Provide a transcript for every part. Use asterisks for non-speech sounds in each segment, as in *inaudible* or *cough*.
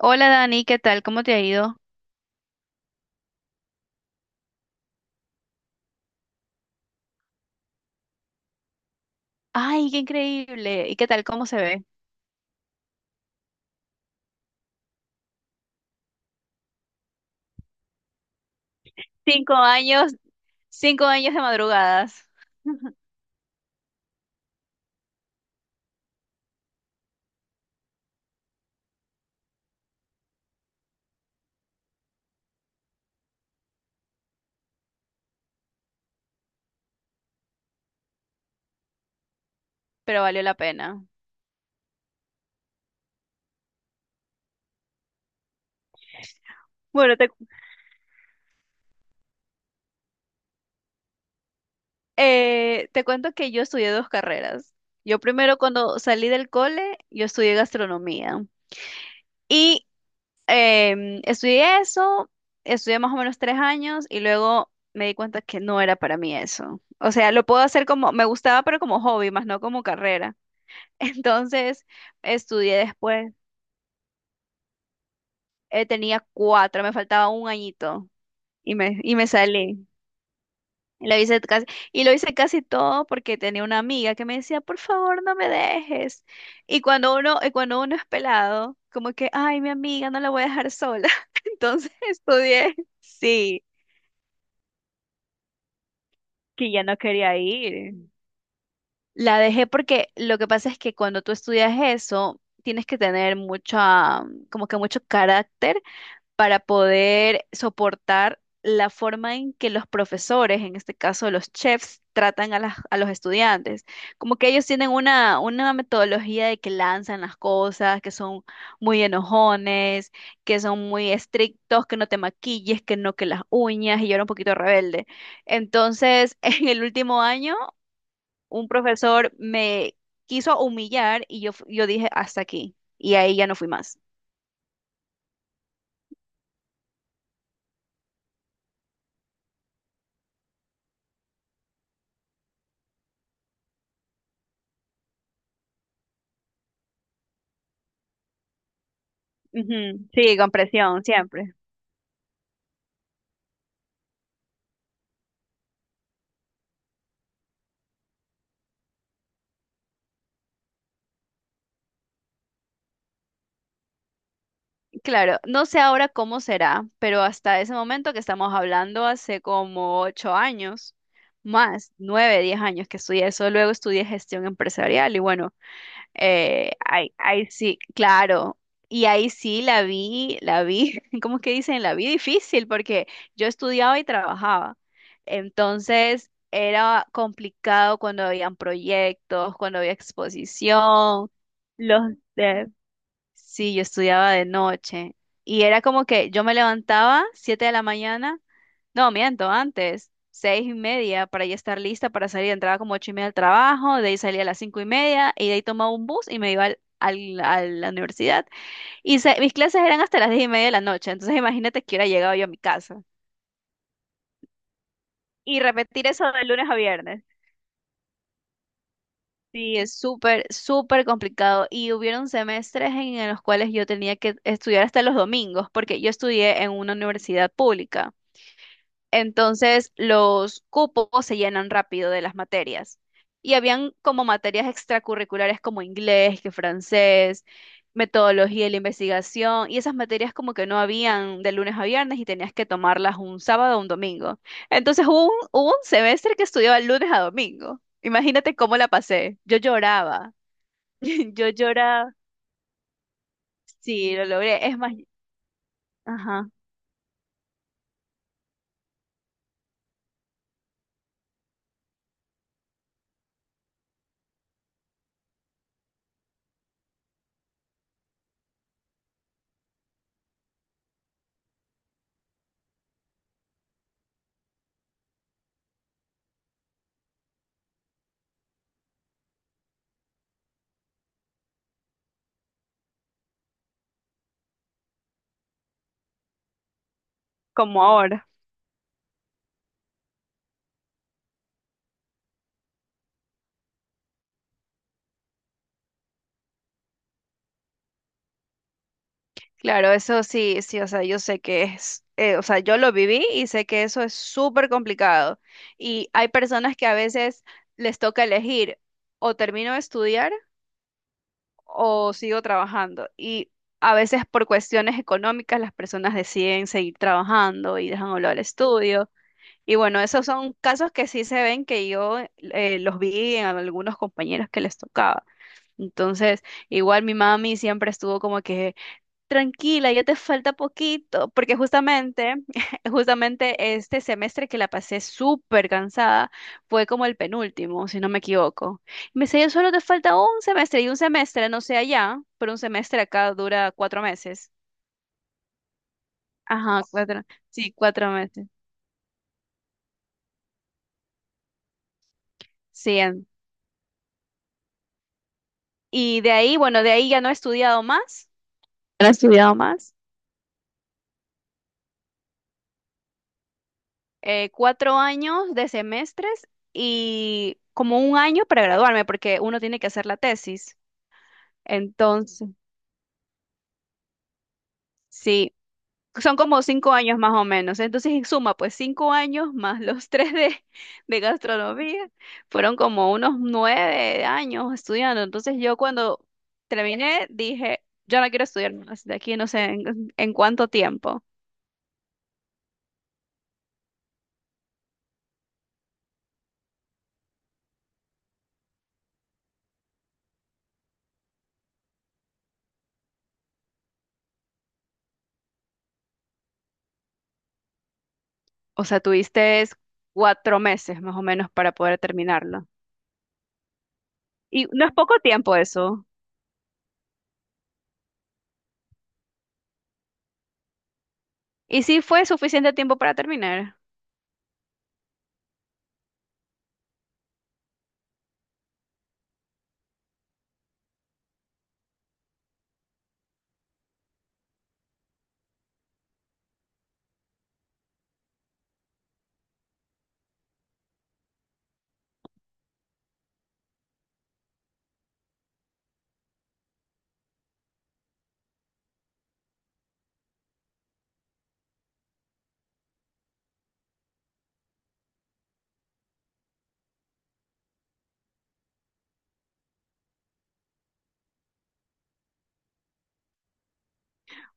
Hola Dani, ¿qué tal? ¿Cómo te ha ido? Ay, qué increíble. ¿Y qué tal? ¿Cómo se ve? 5 años, 5 años de madrugadas, pero valió la pena. Bueno, te cuento que yo estudié dos carreras. Yo primero cuando salí del cole, yo estudié gastronomía. Y estudié eso, estudié más o menos 3 años y luego me di cuenta que no era para mí eso. O sea, lo puedo hacer como, me gustaba, pero como hobby, más no como carrera. *laughs* Entonces, estudié después. Tenía cuatro, me faltaba un añito y me salí. Y lo hice casi, y lo hice casi todo porque tenía una amiga que me decía, por favor, no me dejes. Y cuando uno es pelado, como que, ay, mi amiga, no la voy a dejar sola. *laughs* Entonces estudié, sí, que ya no quería ir. La dejé porque lo que pasa es que cuando tú estudias eso, tienes que tener mucha, como que mucho carácter para poder soportar la forma en que los profesores, en este caso los chefs, tratan a los estudiantes. Como que ellos tienen una metodología de que lanzan las cosas, que son muy enojones, que son muy estrictos, que no te maquilles, que no que las uñas, y yo era un poquito rebelde. Entonces, *laughs* en el último año, un profesor me quiso humillar y yo dije, hasta aquí, y ahí ya no fui más. Ujú. Sí, con presión, siempre. Claro, no sé ahora cómo será, pero hasta ese momento que estamos hablando, hace como 8 años, más 9, 10 años que estudié eso, luego estudié gestión empresarial y bueno. Ahí sí, claro. Y ahí sí la vi, *laughs* ¿cómo es que dicen? La vi difícil porque yo estudiaba y trabajaba. Entonces era complicado cuando habían proyectos, cuando había exposición. Los de... Sí, yo estudiaba de noche. Y era como que yo me levantaba 7 de la mañana no, miento, antes, 6:30 para ya estar lista para salir. Entraba como 8:30 al trabajo, de ahí salía a las 5:30 y de ahí tomaba un bus y me iba a la universidad. Mis clases eran hasta las 10:30 de la noche, entonces imagínate que hubiera llegado yo a mi casa. Y repetir eso de lunes a viernes. Sí, es súper, súper complicado. Y hubieron semestres en los cuales yo tenía que estudiar hasta los domingos, porque yo estudié en una universidad pública. Entonces, los cupos se llenan rápido de las materias. Y habían como materias extracurriculares como inglés, que francés, metodología de la investigación, y esas materias como que no habían de lunes a viernes y tenías que tomarlas un sábado o un domingo. Entonces hubo un semestre que estudiaba lunes a domingo. Imagínate cómo la pasé. Yo lloraba. *laughs* Yo lloraba. Sí, lo logré. Es más, ajá, como ahora. Claro, eso sí, sí, o sea, yo sé que es, o sea, yo lo viví y sé que eso es súper complicado. Y hay personas que a veces les toca elegir o termino de estudiar o sigo trabajando. Y a veces por cuestiones económicas las personas deciden seguir trabajando y dejan a un lado el estudio. Y bueno, esos son casos que sí se ven que yo los vi en algunos compañeros que les tocaba. Entonces, igual mi mami siempre estuvo como que tranquila, ya te falta poquito, porque justamente, *laughs* justamente este semestre que la pasé súper cansada fue como el penúltimo, si no me equivoco. Y me decía, yo solo te falta un semestre y un semestre, no sé allá, pero un semestre acá dura 4 meses. Ajá, cuatro, sí, 4 meses. Sí. En... Y de ahí, bueno, de ahí ya no he estudiado más. No he estudiado más. Cuatro años de semestres y como un año para graduarme, porque uno tiene que hacer la tesis. Entonces, sí, son como 5 años más o menos. Entonces, en suma, pues 5 años más los *laughs* tres de gastronomía, fueron como unos 9 años estudiando. Entonces, yo cuando terminé, dije, yo no quiero estudiar más de aquí, no sé en cuánto tiempo. O sea, tuviste es 4 meses más o menos para poder terminarlo. Y no es poco tiempo eso. Y sí fue suficiente tiempo para terminar.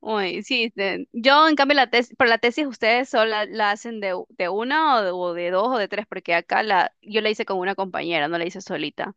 Uy, sí, de- yo en cambio la tesis, pero la tesis ustedes solo la hacen de una o de dos o de tres, porque acá, yo la hice con una compañera, no la hice solita.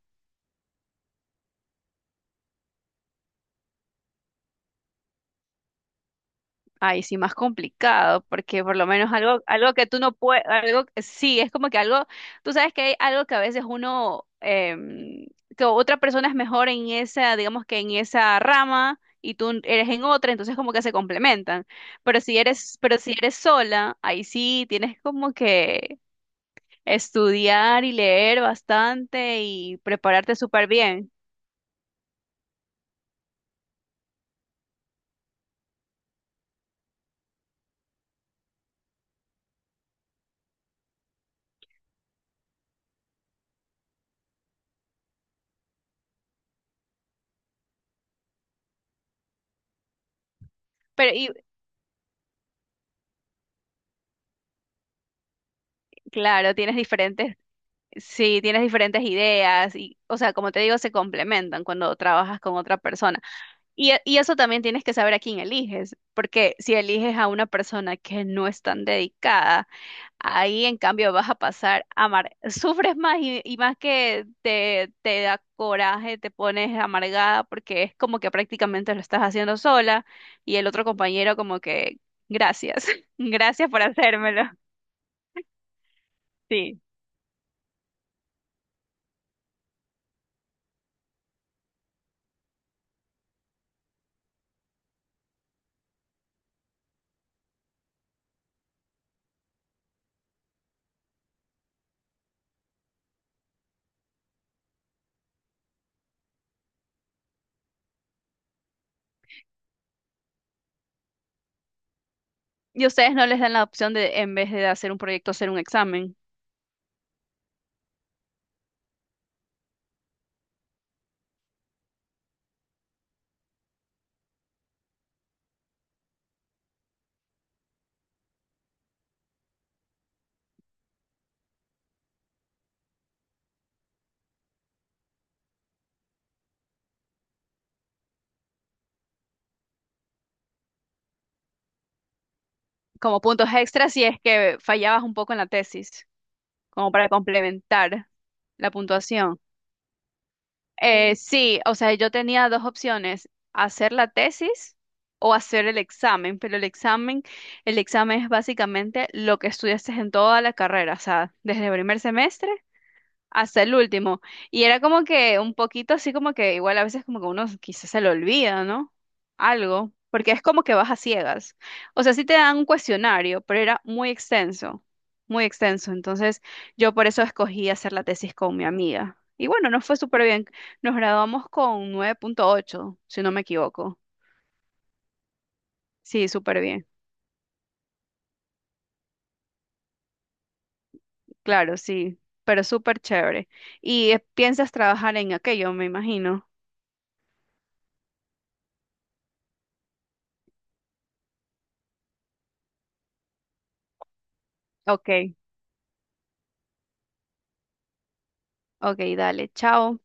Ay, sí, más complicado, porque por lo menos algo que tú no puedes, algo, sí, es como que algo, tú sabes que hay algo que a veces uno, que otra persona es mejor en esa, digamos que en esa rama y tú eres en otra, entonces como que se complementan. Pero si eres sola, ahí sí tienes como que estudiar y leer bastante y prepararte súper bien. Pero y claro, tienes diferentes, sí, tienes diferentes ideas y, o sea, como te digo, se complementan cuando trabajas con otra persona. Y eso también tienes que saber a quién eliges, porque si eliges a una persona que no es tan dedicada, ahí en cambio vas a pasar a amar, *laughs* sufres más y más que te da coraje, te pones amargada porque es como que prácticamente lo estás haciendo sola y el otro compañero como que gracias, *laughs* gracias por hacérmelo. Sí. Y ustedes no les dan la opción de en vez de hacer un proyecto hacer un examen como puntos extras si es que fallabas un poco en la tesis. Como para complementar la puntuación. Sí, o sea, yo tenía dos opciones, hacer la tesis o hacer el examen, pero el examen es básicamente lo que estudiaste en toda la carrera, o sea, desde el primer semestre hasta el último. Y era como que un poquito así como que igual a veces como que uno quizás se le olvida, ¿no? Algo, porque es como que vas a ciegas. O sea, sí te dan un cuestionario, pero era muy extenso, muy extenso. Entonces yo por eso escogí hacer la tesis con mi amiga. Y bueno, nos fue súper bien. Nos graduamos con 9,8 si no me equivoco. Sí, súper bien. Claro, sí, pero súper chévere. Y piensas trabajar en aquello, me imagino. Ok, ok, dale, chao.